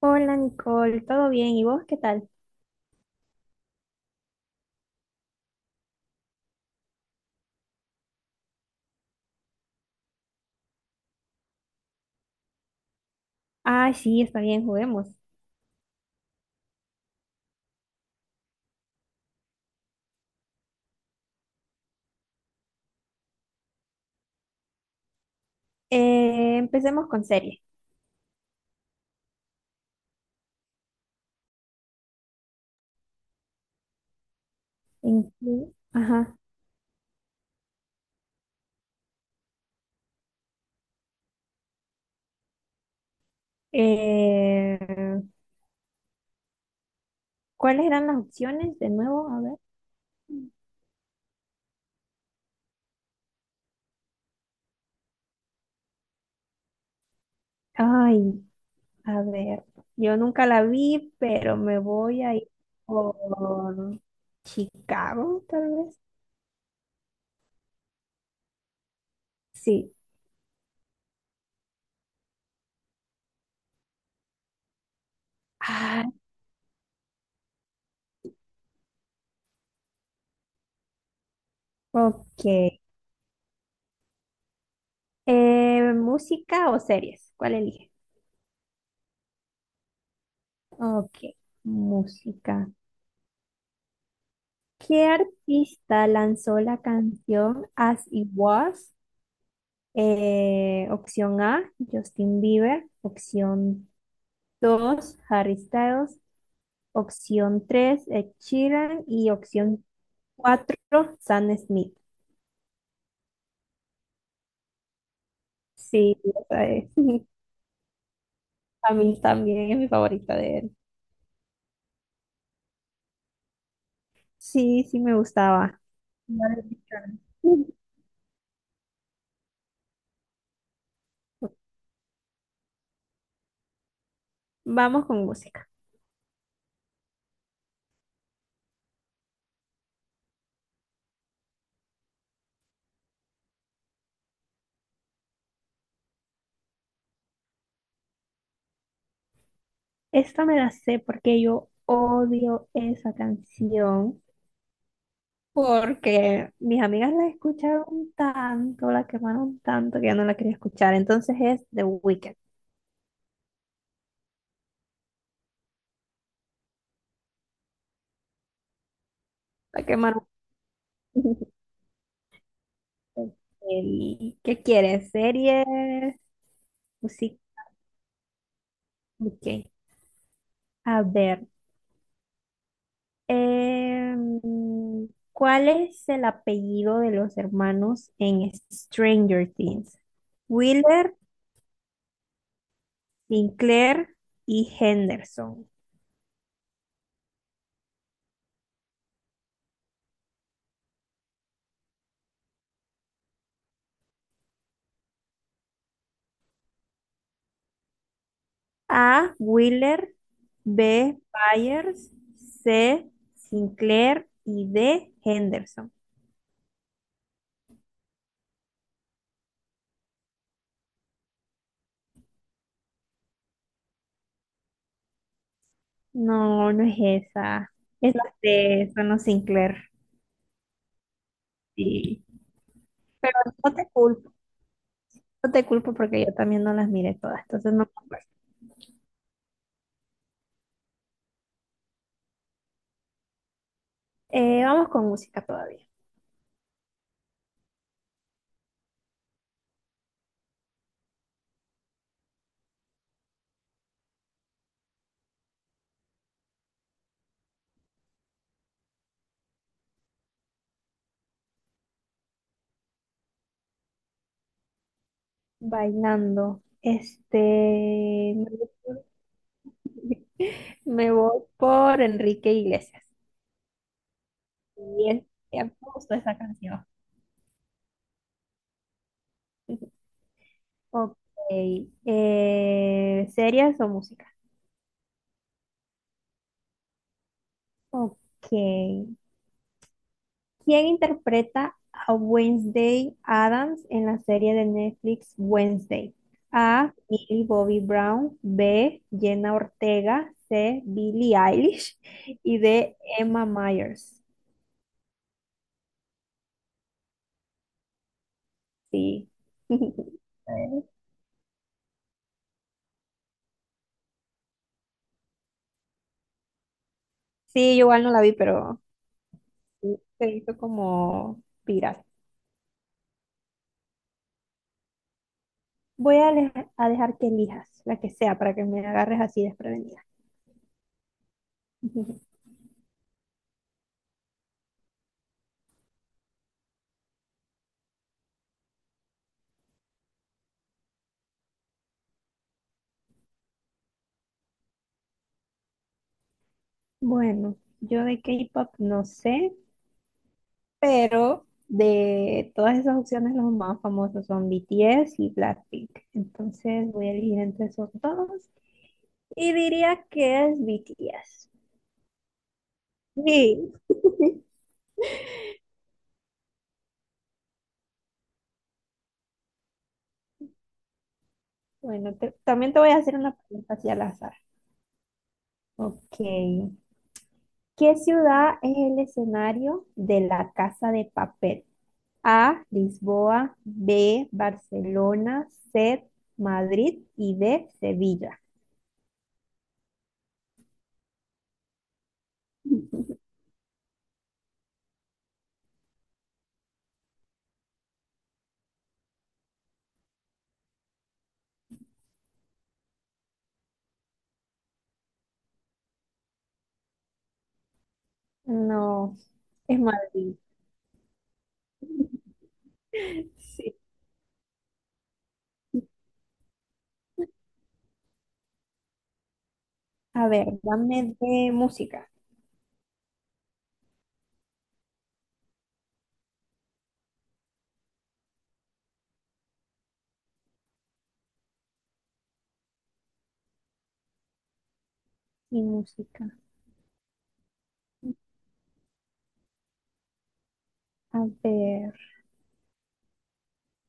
Hola Nicole, ¿todo bien? ¿Y vos qué tal? Ah, sí, está bien, juguemos. Empecemos con serie. ¿En qué? Ajá. Eh, ¿Cuáles eran las opciones de nuevo? A ver. Ay, a ver. Yo nunca la vi, pero me voy a ir por Chicago, tal vez. Sí. Ah, ok. ¿Música o series? ¿Cuál elige? Ok, música. ¿Qué artista lanzó la canción As It Was? Opción A, Justin Bieber. Opción 2: Harry Styles. Opción 3: Ed Sheeran. Y opción 4: Sam Smith. Sí, esa es. A mí también es mi favorita de él. Sí, sí me gustaba. Vale, Cristian. Vamos con música. Esta me la sé porque yo odio esa canción, porque mis amigas la escucharon tanto, la quemaron tanto que ya no la quería escuchar. Entonces es The Weeknd. La quemaron. ¿Qué quieres? ¿Series? Música. Ok. A ver. em, ¿Cuál es el apellido de los hermanos en Stranger Things? Wheeler, Sinclair y Henderson. A. Wheeler, B. Byers, C. Sinclair y D. Henderson. No, no es esa. Es la C, son los Sinclair. Sí. Pero no te culpo, no te culpo porque yo también no las miré todas, entonces no me acuerdo. Vamos con música todavía. Bailando. Este, me voy por Enrique Iglesias. Y él puso esa canción. Ok. ¿Series o música? Ok. ¿Quién interpreta a Wednesday Adams en la serie de Netflix Wednesday? A. Millie Bobby Brown. B. Jenna Ortega. C. Billie Eilish. Y D. Emma Myers. Sí. Sí, yo igual no la vi, pero sí, se hizo como viral. Voy a, le- a dejar que elijas la que sea para que me agarres así desprevenida. Bueno, yo de K-pop no sé, pero de todas esas opciones los más famosos son BTS y Blackpink. Entonces voy a elegir entre esos dos y diría que es BTS. Sí. Bueno, también te voy a hacer una pregunta así al azar. Ok. ¿Qué ciudad es el escenario de la Casa de Papel? A, Lisboa, B, Barcelona, C, Madrid y D, Sevilla. No, es Madrid. Sí. A ver, dame de música. Y música. A ver,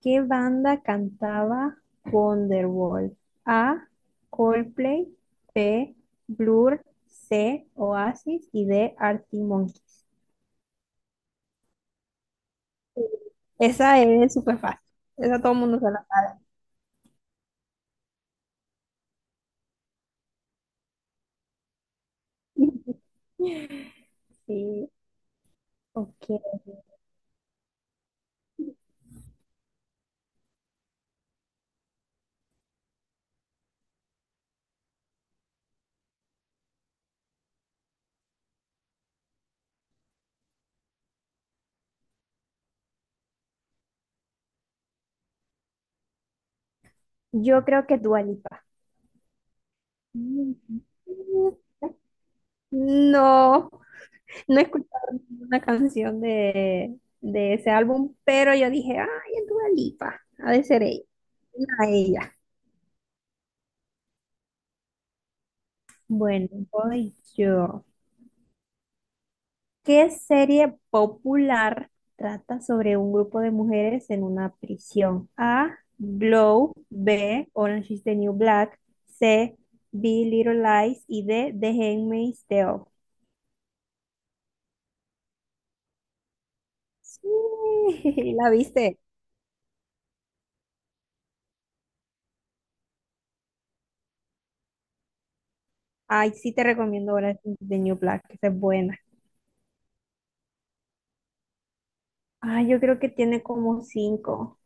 ¿qué banda cantaba Wonderwall? A, Coldplay, B, Blur, C, Oasis y D, Arctic Monkeys. Esa es súper fácil. Esa todo el mundo se la sabe. Sí, ok. Yo creo que Dua Lipa. No, no he escuchado ninguna canción de ese álbum, pero yo dije, ay, es Dua Lipa, ha de ser ella. Era ella. Bueno, voy yo. ¿Qué serie popular trata sobre un grupo de mujeres en una prisión? A. Glow. B. Orange is the New Black. C. be Little Lies. Y D. The Handmaid's Tale. Sí, la viste. Ay, sí te recomiendo Orange is the New Black, que esa es buena. Ah, yo creo que tiene como 5.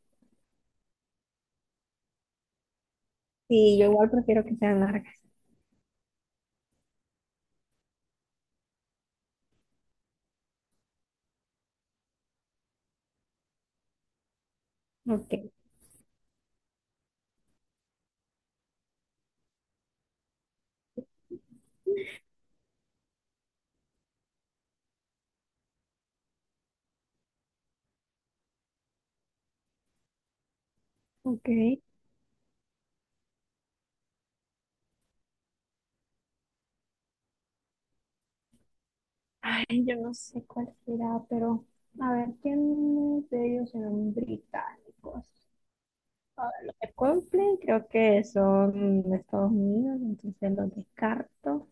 Sí, yo igual prefiero que sean largas. Ok, ok. Ay, yo no sé cuál será, pero a ver, ¿quiénes de ellos eran británicos? A ver, los de Coldplay creo que son de Estados Unidos, entonces los descarto.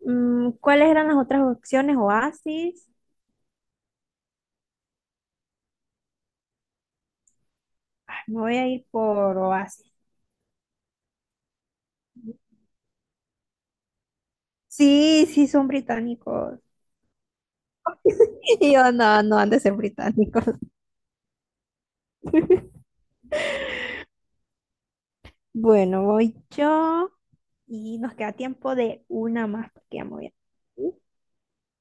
Mm, ¿cuáles eran las otras opciones? Oasis. Ay, me voy a ir por Oasis. Sí, sí, son británicos. Y yo, no, no han de ser británicos. Bueno, voy yo. Y nos queda tiempo de una más porque ya me voy a- ¿sí?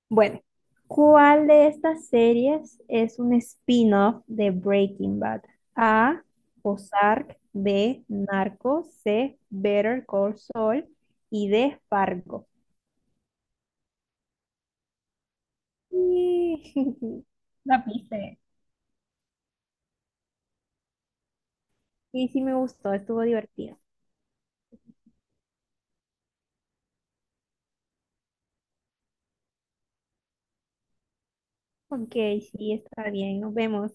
Bueno, ¿cuál de estas series es un spin-off de Breaking Bad? A. Ozark. B. Narcos. C. Better Call Saul. Y D. Fargo. Y... La piste. Sí, sí me gustó, estuvo divertido. Ok, sí, está bien, nos vemos.